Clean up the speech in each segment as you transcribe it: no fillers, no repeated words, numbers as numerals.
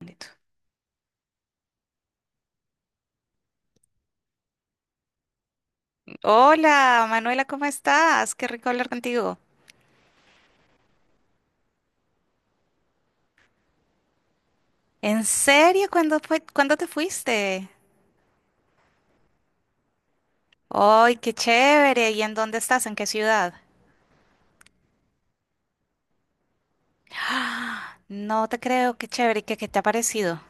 Listo. Hola, Manuela, ¿cómo estás? Qué rico hablar contigo. ¿En serio? ¿Cuándo fue, cuándo te fuiste? ¡Ay, qué chévere! ¿Y en dónde estás? ¿En qué ciudad? ¡Ah! No te creo, qué chévere. ¿Qué te ha parecido?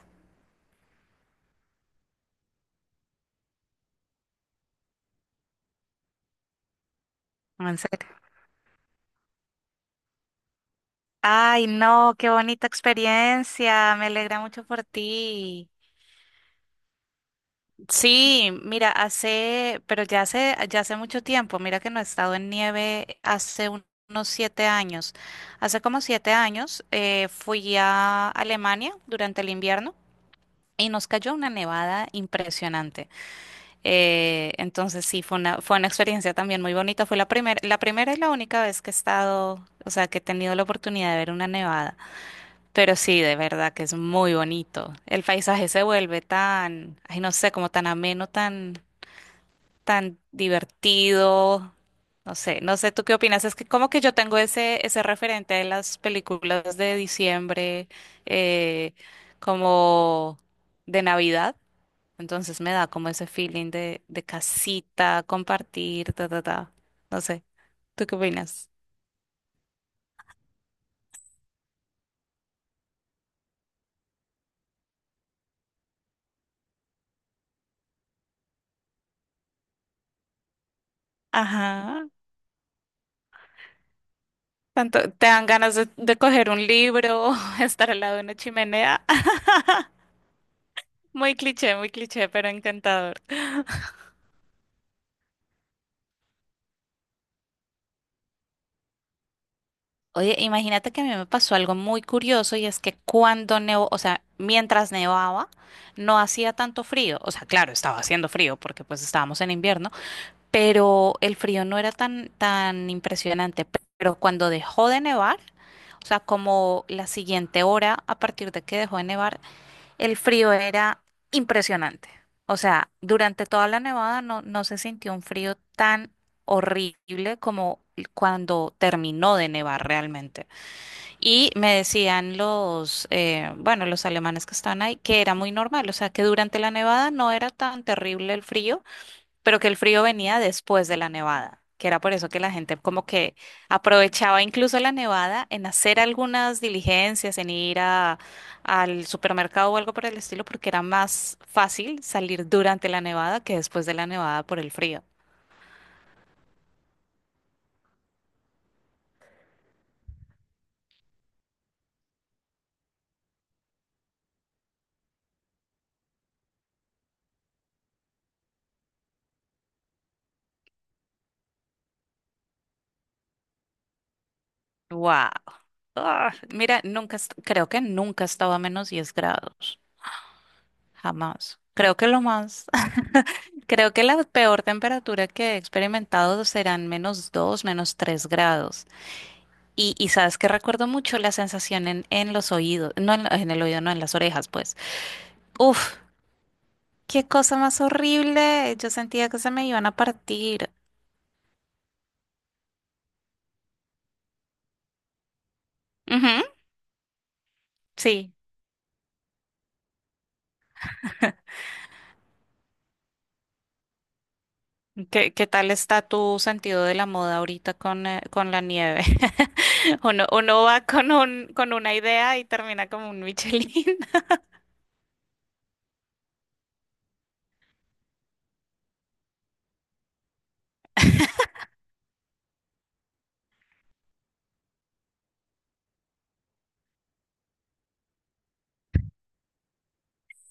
¿En serio? Ay, no, qué bonita experiencia. Me alegra mucho por ti. Sí, mira, hace, pero ya hace mucho tiempo, mira que no he estado en nieve unos siete años. Hace como 7 años fui a Alemania durante el invierno y nos cayó una nevada impresionante. Entonces sí, fue una experiencia también muy bonita. Fue la primera y la única vez que he estado, o sea, que he tenido la oportunidad de ver una nevada. Pero sí, de verdad que es muy bonito. El paisaje se vuelve tan, ay, no sé, como tan ameno, tan divertido. No sé, no sé, ¿tú qué opinas? Es que como que yo tengo ese referente de las películas de diciembre, eh, como de Navidad. Entonces me da como ese feeling de casita, compartir, ta, ta, ta. No sé, ¿tú qué opinas? Ajá. Tanto, te dan ganas de coger un libro, estar al lado de una chimenea. Muy cliché, pero encantador. Oye, imagínate que a mí me pasó algo muy curioso y es que cuando nevó, o sea, mientras nevaba, no hacía tanto frío. O sea, claro, estaba haciendo frío porque pues estábamos en invierno, pero el frío no era tan, tan impresionante. Pero cuando dejó de nevar, o sea, como la siguiente hora a partir de que dejó de nevar, el frío era impresionante. O sea, durante toda la nevada no, no se sintió un frío tan horrible como cuando terminó de nevar realmente. Y me decían los, bueno, los alemanes que estaban ahí, que era muy normal, o sea, que durante la nevada no era tan terrible el frío, pero que el frío venía después de la nevada, que era por eso que la gente como que aprovechaba incluso la nevada en hacer algunas diligencias, al supermercado o algo por el estilo, porque era más fácil salir durante la nevada que después de la nevada por el frío. ¡Wow! Ah, mira, nunca, creo que nunca estaba a -10 grados. Jamás. Creo que lo más, creo que la peor temperatura que he experimentado serán -2, -3 grados. Y sabes que recuerdo mucho la sensación en los oídos, no en el oído, no en las orejas, pues. Uf, qué cosa más horrible. Yo sentía que se me iban a partir. Ujú, sí. ¿Qué tal está tu sentido de la moda ahorita con la nieve? Uno, uno va con un, con una idea y termina como un Michelin.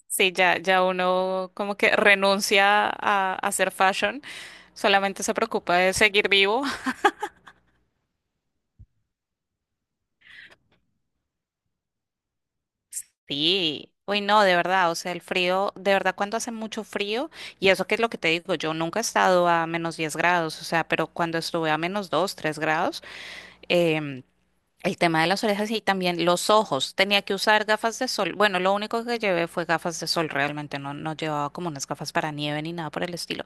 Sí, ya, ya uno como que renuncia a hacer fashion, solamente se preocupa de seguir vivo. Sí, uy, no, de verdad, o sea, el frío, de verdad, cuando hace mucho frío, y eso que es lo que te digo, yo nunca he estado a -10 grados, o sea, pero cuando estuve a -2, 3 grados, em, el tema de las orejas y también los ojos. Tenía que usar gafas de sol. Bueno, lo único que llevé fue gafas de sol, realmente no, no llevaba como unas gafas para nieve ni nada por el estilo.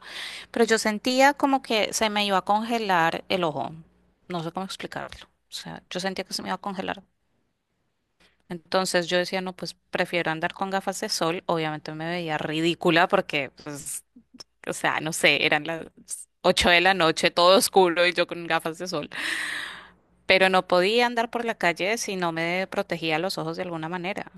Pero yo sentía como que se me iba a congelar el ojo. No sé cómo explicarlo. O sea, yo sentía que se me iba a congelar. Entonces yo decía, no, pues prefiero andar con gafas de sol. Obviamente me veía ridícula porque, pues, o sea, no sé, eran las 8 de la noche, todo oscuro y yo con gafas de sol, pero no podía andar por la calle si no me protegía los ojos de alguna manera.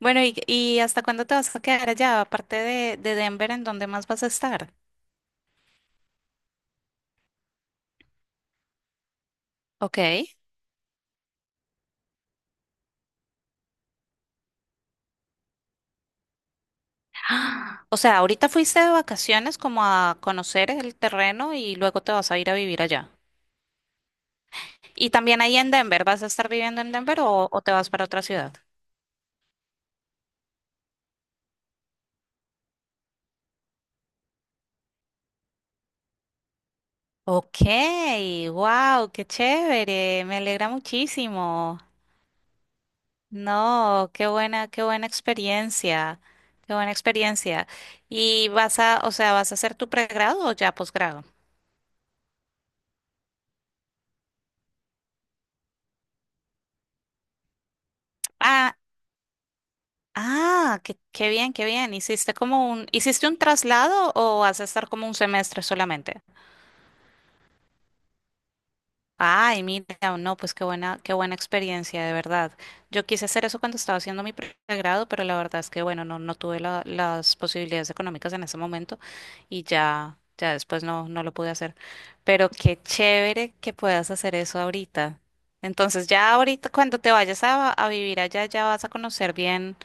Bueno, y hasta cuándo te vas a quedar allá? Aparte de Denver, ¿en dónde más vas a estar? Ok. Ah, o sea, ahorita fuiste de vacaciones como a conocer el terreno y luego te vas a ir a vivir allá. Y también ahí en Denver, ¿vas a estar viviendo en Denver o te vas para otra ciudad? Ok, wow, qué chévere, me alegra muchísimo. No, qué buena experiencia, qué buena experiencia. ¿Y vas a, o sea, vas a hacer tu pregrado o ya posgrado? Ah, ah, qué, qué bien, qué bien. ¿Hiciste como un, hiciste un traslado o vas a estar como un semestre solamente? Ay, mira, no, pues qué buena experiencia, de verdad. Yo quise hacer eso cuando estaba haciendo mi pregrado, pero la verdad es que, bueno, no, no tuve las posibilidades económicas en ese momento y ya, ya después no, no lo pude hacer. Pero qué chévere que puedas hacer eso ahorita. Entonces, ya ahorita, cuando te vayas a vivir allá, ya vas a conocer bien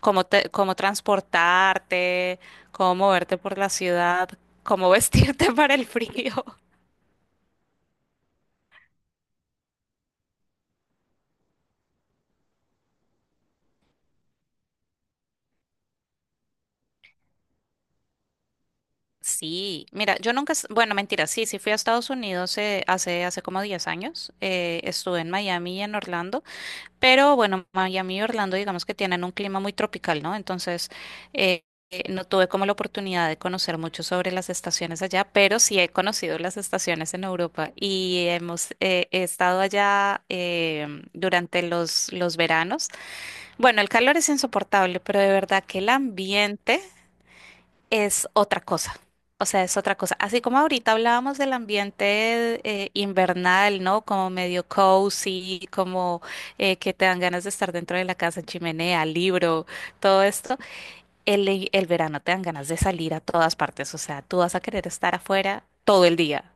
cómo te, cómo transportarte, cómo moverte por la ciudad, cómo vestirte para el frío. Sí, mira, yo nunca, bueno, mentira, sí, sí fui a Estados Unidos hace, hace como 10 años, estuve en Miami y en Orlando, pero bueno, Miami y Orlando digamos que tienen un clima muy tropical, ¿no? Entonces, eh, no tuve como la oportunidad de conocer mucho sobre las estaciones allá, pero sí he conocido las estaciones en Europa y hemos he estado allá durante los veranos. Bueno, el calor es insoportable, pero de verdad que el ambiente es otra cosa. O sea, es otra cosa. Así como ahorita hablábamos del ambiente invernal, ¿no? Como medio cozy, como que te dan ganas de estar dentro de la casa, chimenea, libro, todo esto. El verano te dan ganas de salir a todas partes. O sea, tú vas a querer estar afuera todo el día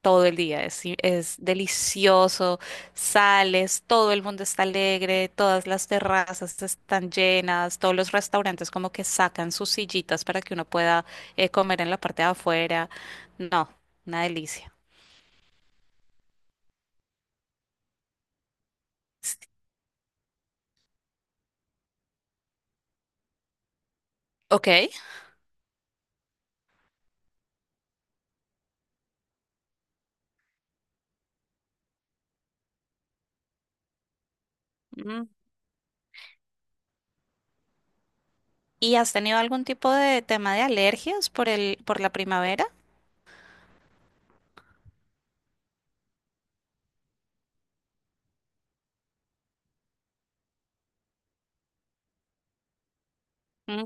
todo el día. Es, es delicioso, sales, todo el mundo está alegre, todas las terrazas están llenas, todos los restaurantes como que sacan sus sillitas para que uno pueda comer en la parte de afuera. No, una delicia. Ok. Mm. ¿Y has tenido algún tipo de tema de alergias por el, por la primavera? Mm.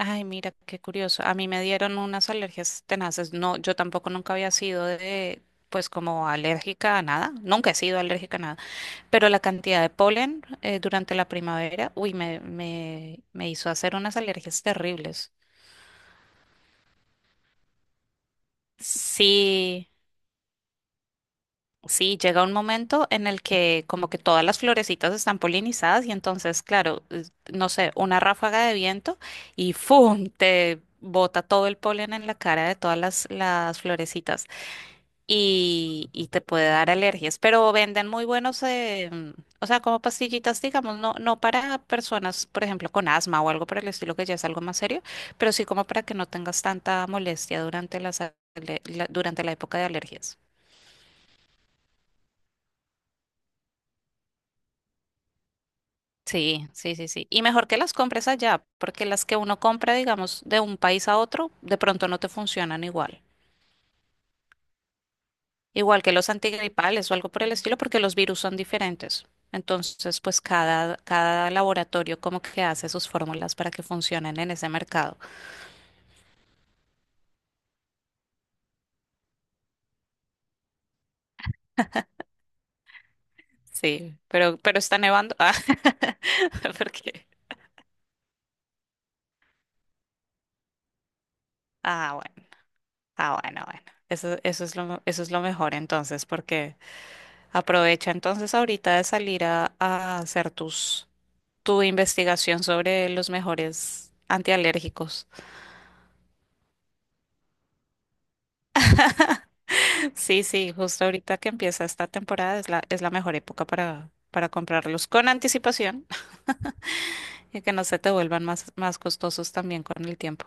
Ay, mira, qué curioso. A mí me dieron unas alergias tenaces. No, yo tampoco nunca había sido de, pues como alérgica a nada. Nunca he sido alérgica a nada. Pero la cantidad de polen durante la primavera, uy, me hizo hacer unas alergias terribles. Sí, sí, llega un momento en el que como que todas las florecitas están polinizadas y entonces, claro, no sé, una ráfaga de viento y ¡fum! Te bota todo el polen en la cara de todas las florecitas. Y, y te puede dar alergias. Pero venden muy buenos, o sea, como pastillitas, digamos, no, no para personas, por ejemplo, con asma o algo por el estilo, que ya es algo más serio, pero sí como para que no tengas tanta molestia durante durante la época de alergias. Sí, sí, sí, sí. Y mejor que las compres allá, porque las que uno compra, digamos, de un país a otro, de pronto no te funcionan igual. Igual que los antigripales o algo por el estilo, porque los virus son diferentes. Entonces, pues cada, cada laboratorio como que hace sus fórmulas para que funcionen en ese mercado. Sí, pero está nevando. Ah, porque. Ah, bueno, ah, bueno, bueno. Eso, eso es lo mejor entonces, porque aprovecha entonces ahorita de salir a hacer tus, tu investigación sobre los mejores antialérgicos. Sí, sí, justo ahorita que empieza esta temporada es la mejor época para comprarlos con anticipación y que no se te vuelvan más, más costosos también con el tiempo.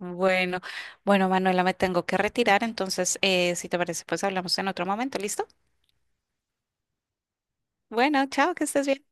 Bueno, bueno, Manuela, me tengo que retirar, entonces, si te parece, pues hablamos en otro momento, ¿listo? Bueno, chao, que estés bien.